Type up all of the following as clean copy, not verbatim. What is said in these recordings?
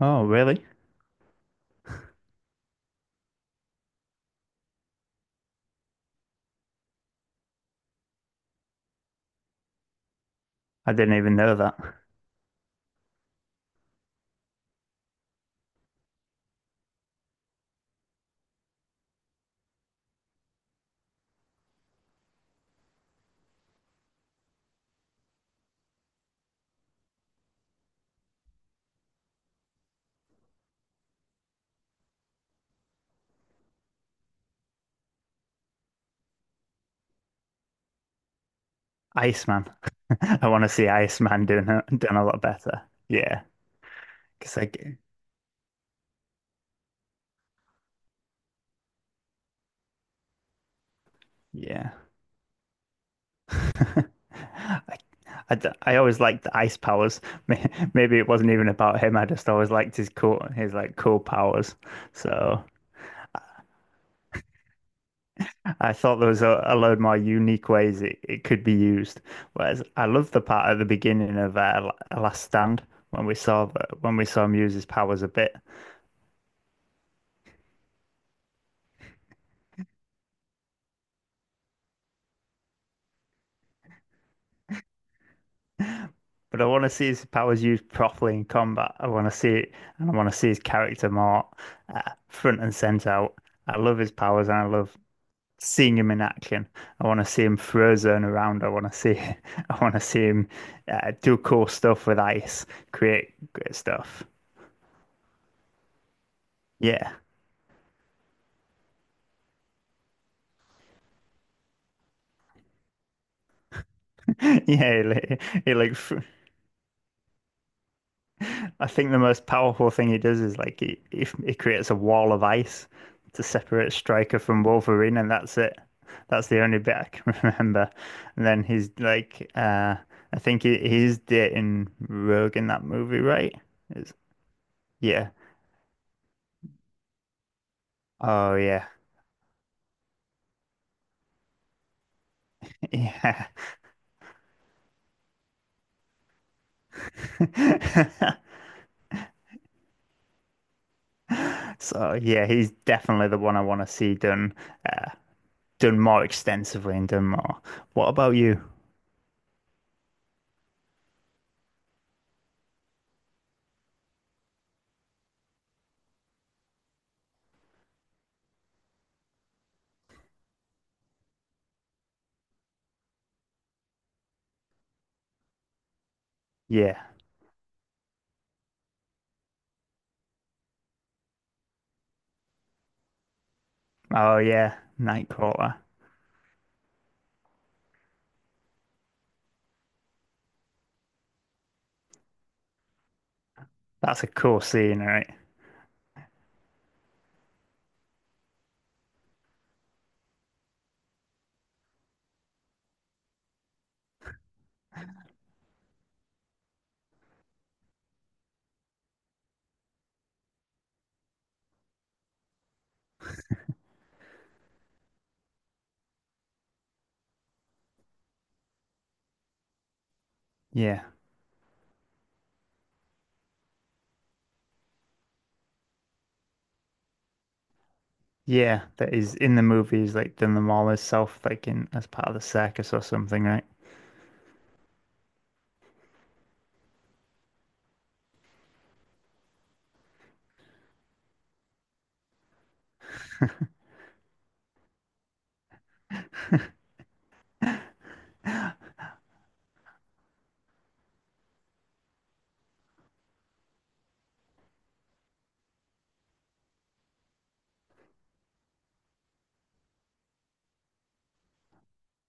Oh, really? I didn't even know that. Iceman. I want to see Iceman doing a lot better. Yeah, because yeah, I, I always liked the ice powers. Maybe it wasn't even about him. I just always liked his like cool powers. So I thought there was a load more unique ways it could be used. Whereas I love the part at the beginning of Last Stand when we saw when we saw him use his powers a bit. But I want to see his powers used properly in combat. I want to see it, and I want to see his character more uh, front and center out. I love his powers, and I love seeing him in action. I want to see him frozen around. I want to see, I want to see him do cool stuff with ice, create great stuff. Yeah, yeah, he, like he like fr- I think the most powerful thing he does is like he creates a wall of ice to separate Stryker from Wolverine, and that's it. That's the only bit I can remember. And then he's like, I think he's dating Rogue in that movie, right? It's, yeah. Oh, yeah. Yeah. So, yeah, he's definitely the one I want to see done, uh, done more extensively and done more. What about you? Yeah. Oh, yeah. Nightcrawler. That's a cool scene, right? Yeah. Yeah, that is in the movies, like doing the mall self, like in as part of the circus or something, right?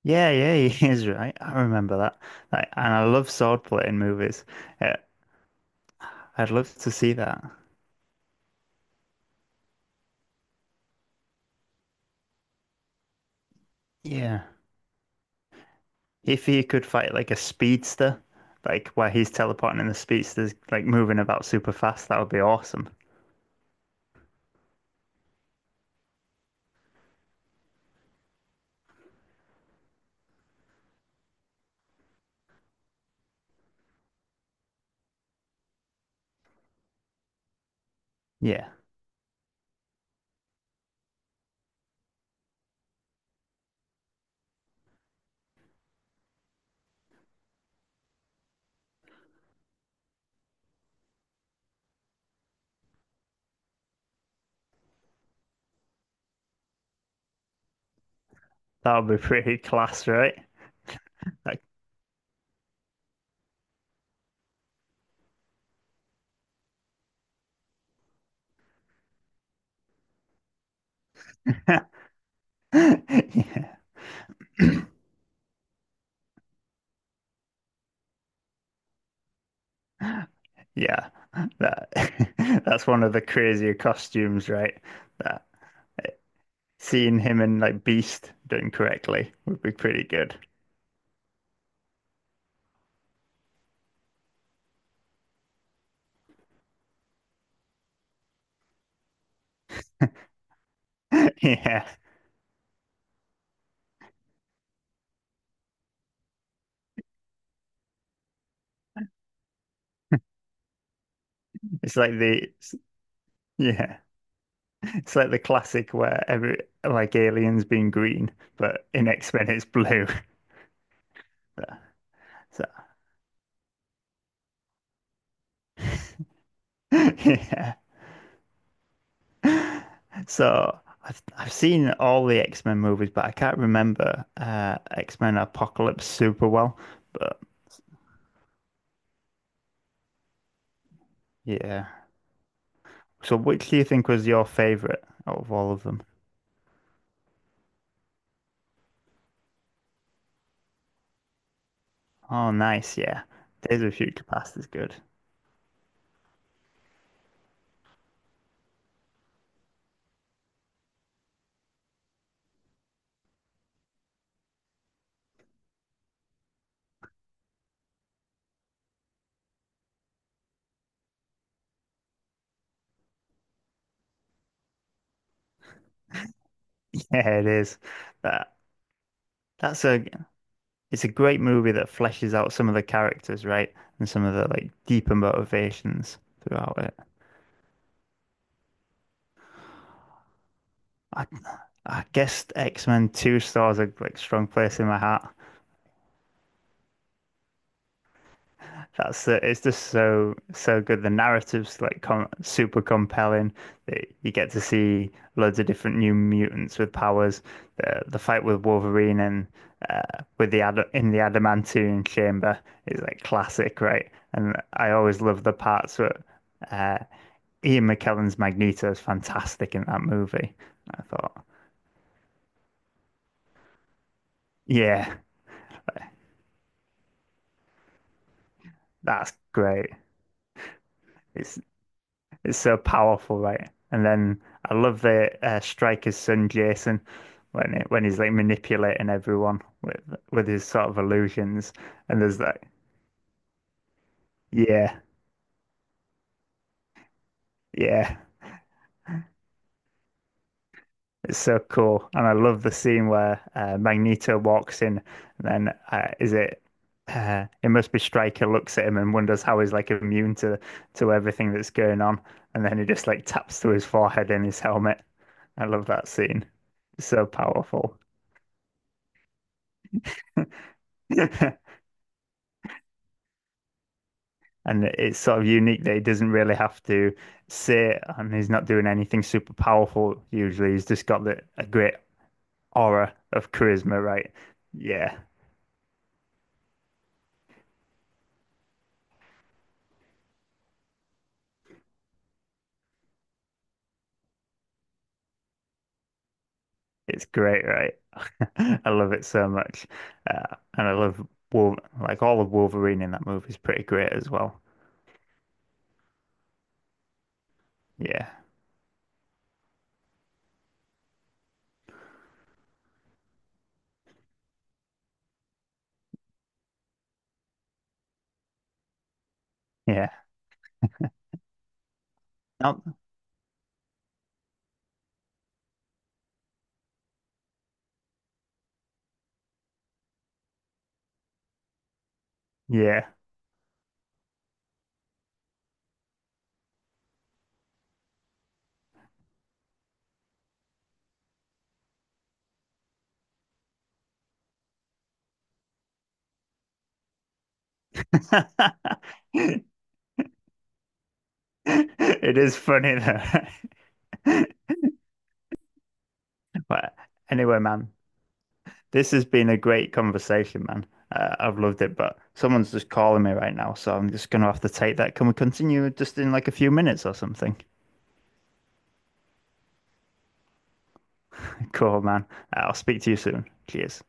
Yeah, yeah, he is right. I remember that. Like, and I love swordplay in movies. Uh, I'd love to see that. Yeah. If he could fight like a speedster, like where he's teleporting and the speedster's like moving about super fast, that would be awesome. Yeah. That would be pretty class, right? Like, yeah. Yeah, that that's one of the crazier costumes, right? That seeing him in like Beast done correctly would be pretty good. Yeah, it's like the it's- yeah, it's like the classic where every like aliens being green, but in X-Men it's blue. So yeah, so I've seen all the X-Men movies, but I can't remember X-Men Apocalypse super well. But yeah, so which do you think was your favorite out of all of them? Oh, nice. Yeah. Days of Future Past is good. Yeah, it is. That that's a it's a great movie that fleshes out some of the characters, right? And some of the like deeper motivations throughout it. I I guess X-Men 2 stars a like strong place in my heart. That's the, it's just so good. The narrative's like com super compelling. That you get to see loads of different new mutants with powers. The fight with Wolverine and with the ad in the adamantium chamber is like classic, right? And I always love the parts where uh, Ian McKellen's Magneto is fantastic in that movie. I thought, yeah, that's great. It's It's so powerful, right? And then I love the striker's son Jason when he's like manipulating everyone with his sort of illusions. And there's that, yeah, yeah, it's so cool. And I love the scene where Magneto walks in, and then is it? It must be Stryker looks at him and wonders how he's like immune to everything that's going on, and then he just like taps to his forehead in his helmet. I love that scene. It's so powerful. And it's sort of unique that he doesn't really have to sit and he's not doing anything super powerful usually. He's just got a great aura of charisma, right? Yeah, it's great, right? I love it so much. And I love Wolf like all of Wolverine in that movie is pretty great as well. Yeah, yeah. Not, yeah. It is funny though. But anyway, man. This has been a great conversation, man. I've loved it, but someone's just calling me right now, so I'm just gonna have to take that. Can we continue just in like a few minutes or something? Cool, man. I'll speak to you soon. Cheers.